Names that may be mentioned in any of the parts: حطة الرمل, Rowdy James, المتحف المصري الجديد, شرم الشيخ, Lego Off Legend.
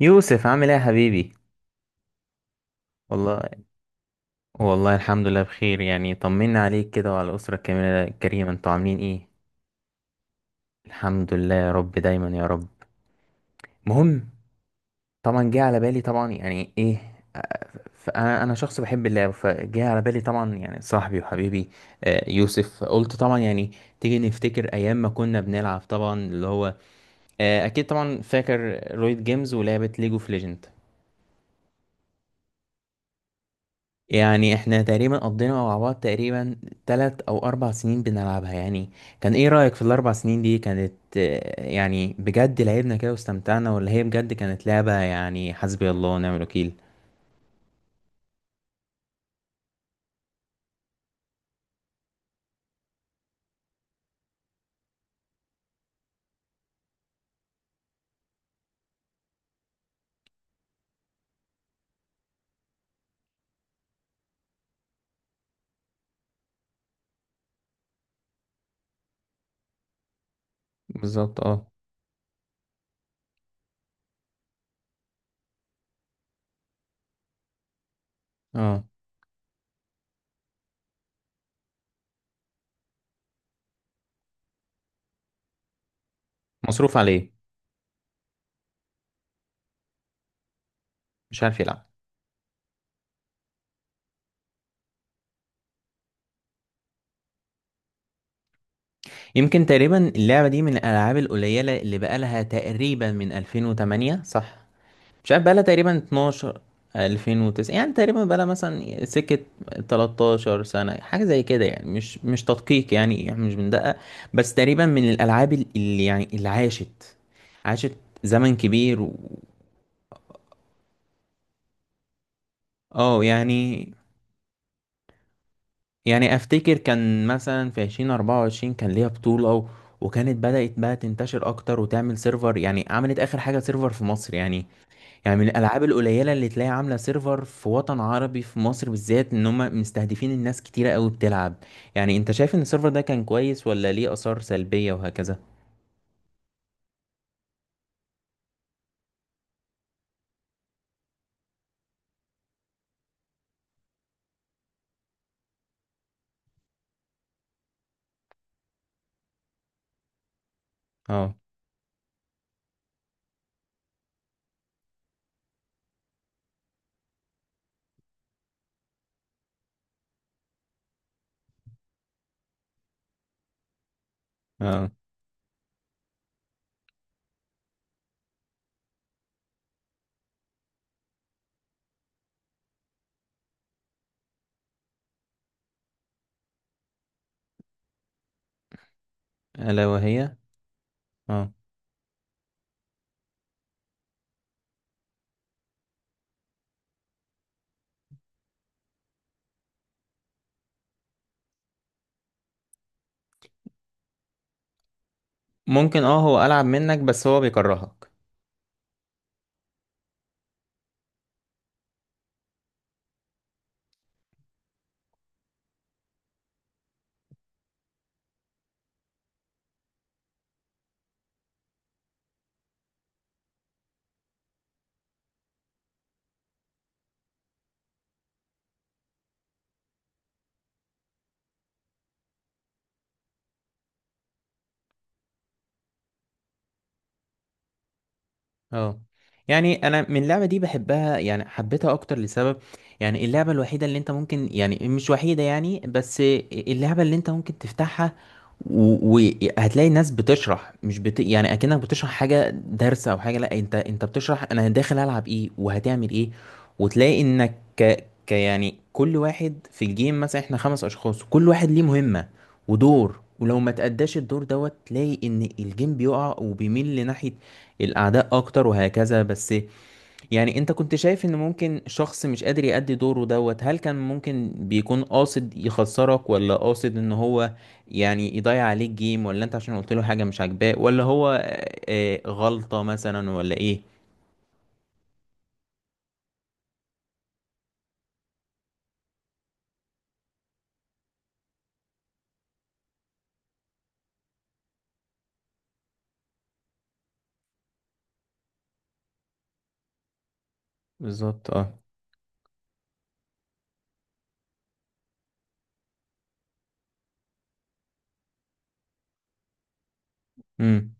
يوسف عامل ايه يا حبيبي. والله والله الحمد لله بخير. يعني طمنا عليك كده وعلى الأسرة الكاملة الكريمة، انتوا عاملين ايه؟ الحمد لله يا رب، دايما يا رب. مهم، طبعا جه على بالي طبعا يعني ايه، فانا شخص بحب اللعب، فجه على بالي طبعا يعني صاحبي وحبيبي. يوسف، قلت طبعا يعني تيجي نفتكر ايام ما كنا بنلعب طبعا اللي هو اكيد طبعا، فاكر رويد جيمز ولعبة ليجو اوف ليجند؟ يعني احنا تقريبا قضينا مع بعض تقريبا 3 او 4 سنين بنلعبها يعني. كان ايه رأيك في ال4 سنين دي؟ كانت يعني بجد لعبنا كده واستمتعنا، ولا هي بجد كانت لعبة يعني حسبي الله ونعم الوكيل؟ بالظبط اه. اه، مصروف عليه. مش عارف يلعب. يمكن تقريبا اللعبة دي من الالعاب القليلة اللي بقالها تقريبا من 2008، صح؟ مش عارف بقالها تقريبا 12 2009 يعني. تقريبا بقالها مثلا سكة 13 سنة، حاجة زي كده يعني، مش تدقيق يعني مش بندقق. بس تقريبا من الألعاب اللي يعني اللي عاشت زمن كبير اه يعني. أفتكر كان مثلا في 2024 كان ليها بطولة وكانت بدأت بقى تنتشر أكتر وتعمل سيرفر. يعني عملت آخر حاجة سيرفر في مصر يعني. يعني من الالعاب القليله اللي تلاقي عامله سيرفر في وطن عربي، في مصر بالذات، ان هم مستهدفين الناس كتيره قوي بتلعب. يعني انت شايف ان السيرفر ده كان كويس، ولا ليه اثار سلبيه وهكذا؟ اه. اه، الا وهي. اه، ممكن اه، هو العب منك بس هو بيكرهك. اه يعني انا من اللعبه دي بحبها، يعني حبيتها اكتر لسبب. يعني اللعبه الوحيده اللي انت ممكن، يعني مش وحيده يعني بس، اللعبه اللي انت ممكن تفتحها وهتلاقي ناس بتشرح، مش بت... يعني اكنك بتشرح حاجه درس او حاجه، لا انت انت بتشرح انا داخل العب ايه وهتعمل ايه. وتلاقي انك ك يعني كل واحد في الجيم، مثلا احنا 5 اشخاص، كل واحد ليه مهمه ودور، ولو ما تأداش الدور دوت تلاقي ان الجيم بيقع وبيميل لناحية الأعداء أكتر وهكذا. بس يعني أنت كنت شايف إن ممكن شخص مش قادر يأدي دوره دوت، هل كان ممكن بيكون قاصد يخسرك، ولا قاصد إن هو يعني يضيع عليك جيم، ولا أنت عشان قلت له حاجة مش عاجباه، ولا هو غلطة مثلا، ولا إيه؟ بالظبط أه. أمم،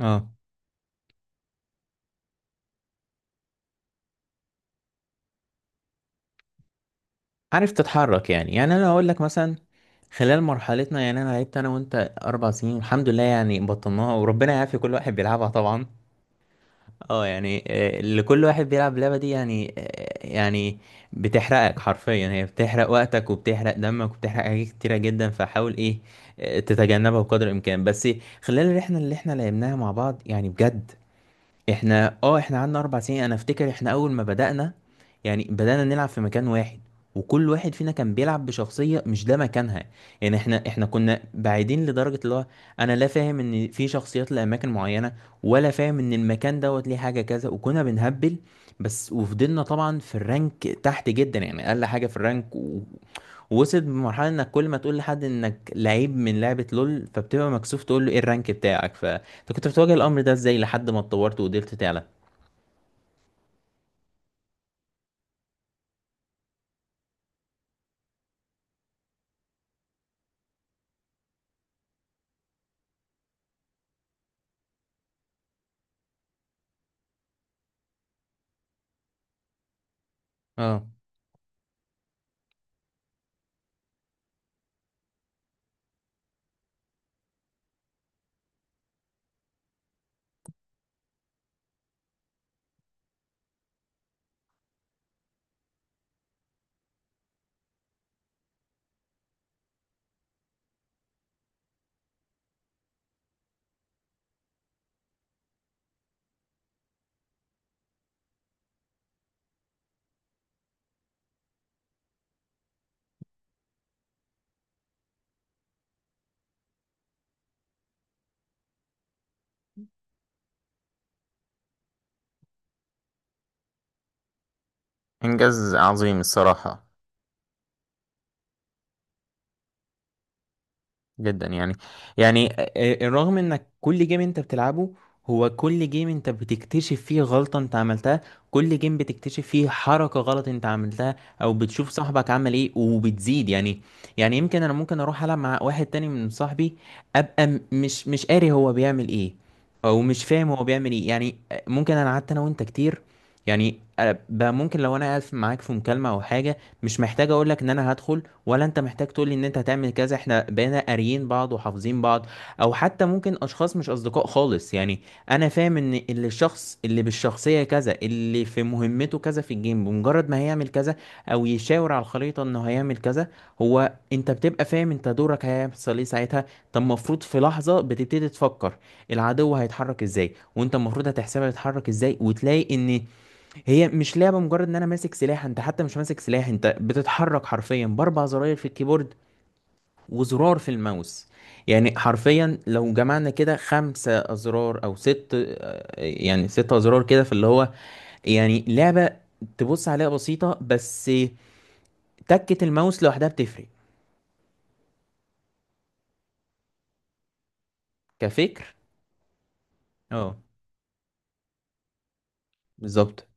أه، عارف تتحرك يعني. يعني أنا هقول لك مثلا خلال مرحلتنا، يعني أنا لعبت أنا وأنت 4 سنين، والحمد لله يعني بطلناها وربنا يعافي كل واحد بيلعبها طبعا. اه يعني، اللي كل واحد بيلعب اللعبة دي يعني يعني بتحرقك حرفيا، هي بتحرق وقتك وبتحرق دمك وبتحرق حاجات كتيرة جدا، فحاول ايه تتجنبها بقدر الامكان. بس خلال الرحلة اللي احنا لعبناها مع بعض يعني بجد، احنا قعدنا 4 سنين. انا افتكر احنا اول ما بدأنا يعني بدأنا نلعب في مكان واحد، وكل واحد فينا كان بيلعب بشخصية مش ده مكانها. يعني احنا كنا بعيدين لدرجة اللي هو انا لا فاهم ان في شخصيات لأماكن معينة، ولا فاهم ان المكان دوت ليه حاجة كذا، وكنا بنهبل بس. وفضلنا طبعا في الرانك تحت جدا، يعني اقل حاجة في الرانك وصلت بمرحلة انك كل ما تقول لحد انك لعيب من لعبة لول فبتبقى مكسوف تقول له ايه الرانك بتاعك. فانت كنت بتواجه الامر ده ازاي لحد ما اتطورت وقدرت تعلى؟ اه، إنجاز عظيم الصراحة، جدا يعني. يعني الرغم انك كل جيم انت بتلعبه، هو كل جيم انت بتكتشف فيه غلطة انت عملتها، كل جيم بتكتشف فيه حركة غلط انت عملتها، او بتشوف صاحبك عمل ايه وبتزيد يعني. يعني يمكن انا ممكن اروح العب مع واحد تاني من صاحبي، ابقى مش قاري هو بيعمل ايه، او مش فاهم هو بيعمل ايه. يعني ممكن انا قعدت انا وانت كتير، يعني بقى ممكن لو انا قاعد معاك في مكالمة او حاجة، مش محتاج اقولك ان انا هدخل، ولا انت محتاج تقول لي ان انت هتعمل كذا، احنا بقينا قاريين بعض وحافظين بعض. او حتى ممكن اشخاص مش اصدقاء خالص يعني، انا فاهم ان اللي الشخص اللي بالشخصيه كذا اللي في مهمته كذا في الجيم، بمجرد ما هيعمل كذا او يشاور على الخريطه انه هيعمل كذا، هو انت بتبقى فاهم انت دورك هيحصل ايه ساعتها. طب المفروض في لحظه بتبتدي تفكر العدو هيتحرك ازاي، وانت المفروض هتحسبها يتحرك ازاي، وتلاقي ان هي مش لعبة مجرد ان انا ماسك سلاح. انت حتى مش ماسك سلاح، انت بتتحرك حرفيا ب4 زراير في الكيبورد وزرار في الماوس. يعني حرفيا لو جمعنا كده 5 أزرار أو ست يعني 6 أزرار كده في اللي هو، يعني لعبة تبص عليها بسيطة، بس تكة الماوس لوحدها بتفرق. كفكر، اه، بالظبط.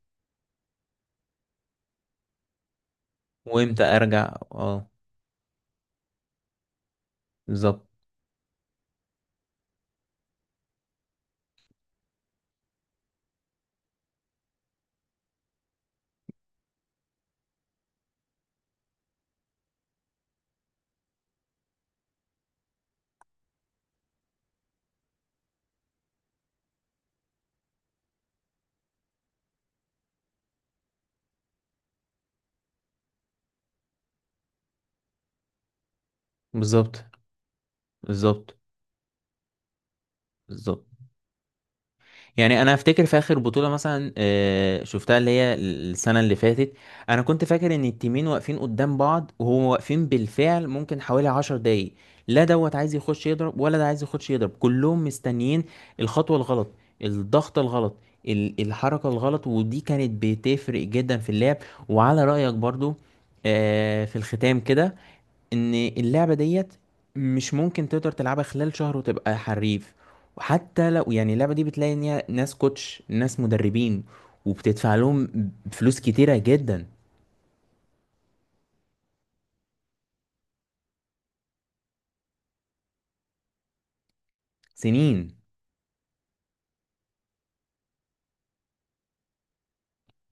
وامتى ارجع، اه، بالظبط. بالظبط. بالظبط. بالظبط. يعني انا افتكر في اخر بطوله مثلا شفتها، اللي هي السنه اللي فاتت، انا كنت فاكر ان التيمين واقفين قدام بعض، وهو واقفين بالفعل ممكن حوالي 10 دقايق، لا دوت عايز يخش يضرب ولا ده عايز يخش يضرب، كلهم مستنيين. الخطوه الغلط، الضغط الغلط، الحركه الغلط، ودي كانت بتفرق جدا في اللعب. وعلى رايك برضو، في الختام كده، ان اللعبة ديت مش ممكن تقدر تلعبها خلال شهر وتبقى حريف. وحتى لو يعني اللعبة دي بتلاقي ان هي ناس كوتش ناس مدربين، وبتدفع لهم فلوس كتيرة جدا. سنين،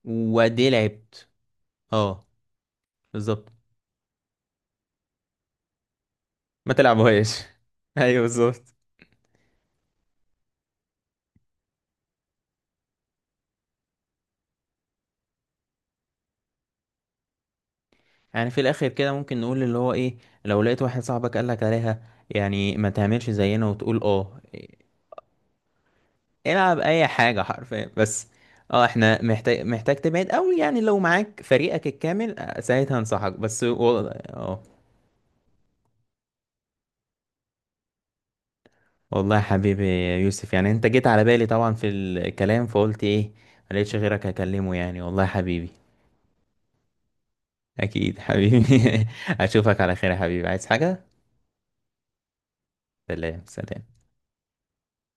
وقد ايه لعبت. اه، بالظبط. ما تلعبوهاش ايوه بالظبط. يعني في الاخر كده ممكن نقول اللي هو ايه، لو لقيت واحد صاحبك قالك عليها، يعني ما تعملش زينا وتقول اه. العب اي حاجه حرفيا بس. اه، احنا محتاج تبعد قوي يعني. لو معاك فريقك الكامل ساعتها انصحك، بس والله اه. والله يا حبيبي يا يوسف، يعني انت جيت على بالي طبعا في الكلام فقلت ايه، ما لقيتش غيرك اكلمه يعني. والله يا حبيبي، اكيد حبيبي اشوفك على خير يا حبيبي، عايز حاجه؟ سلام، سلام.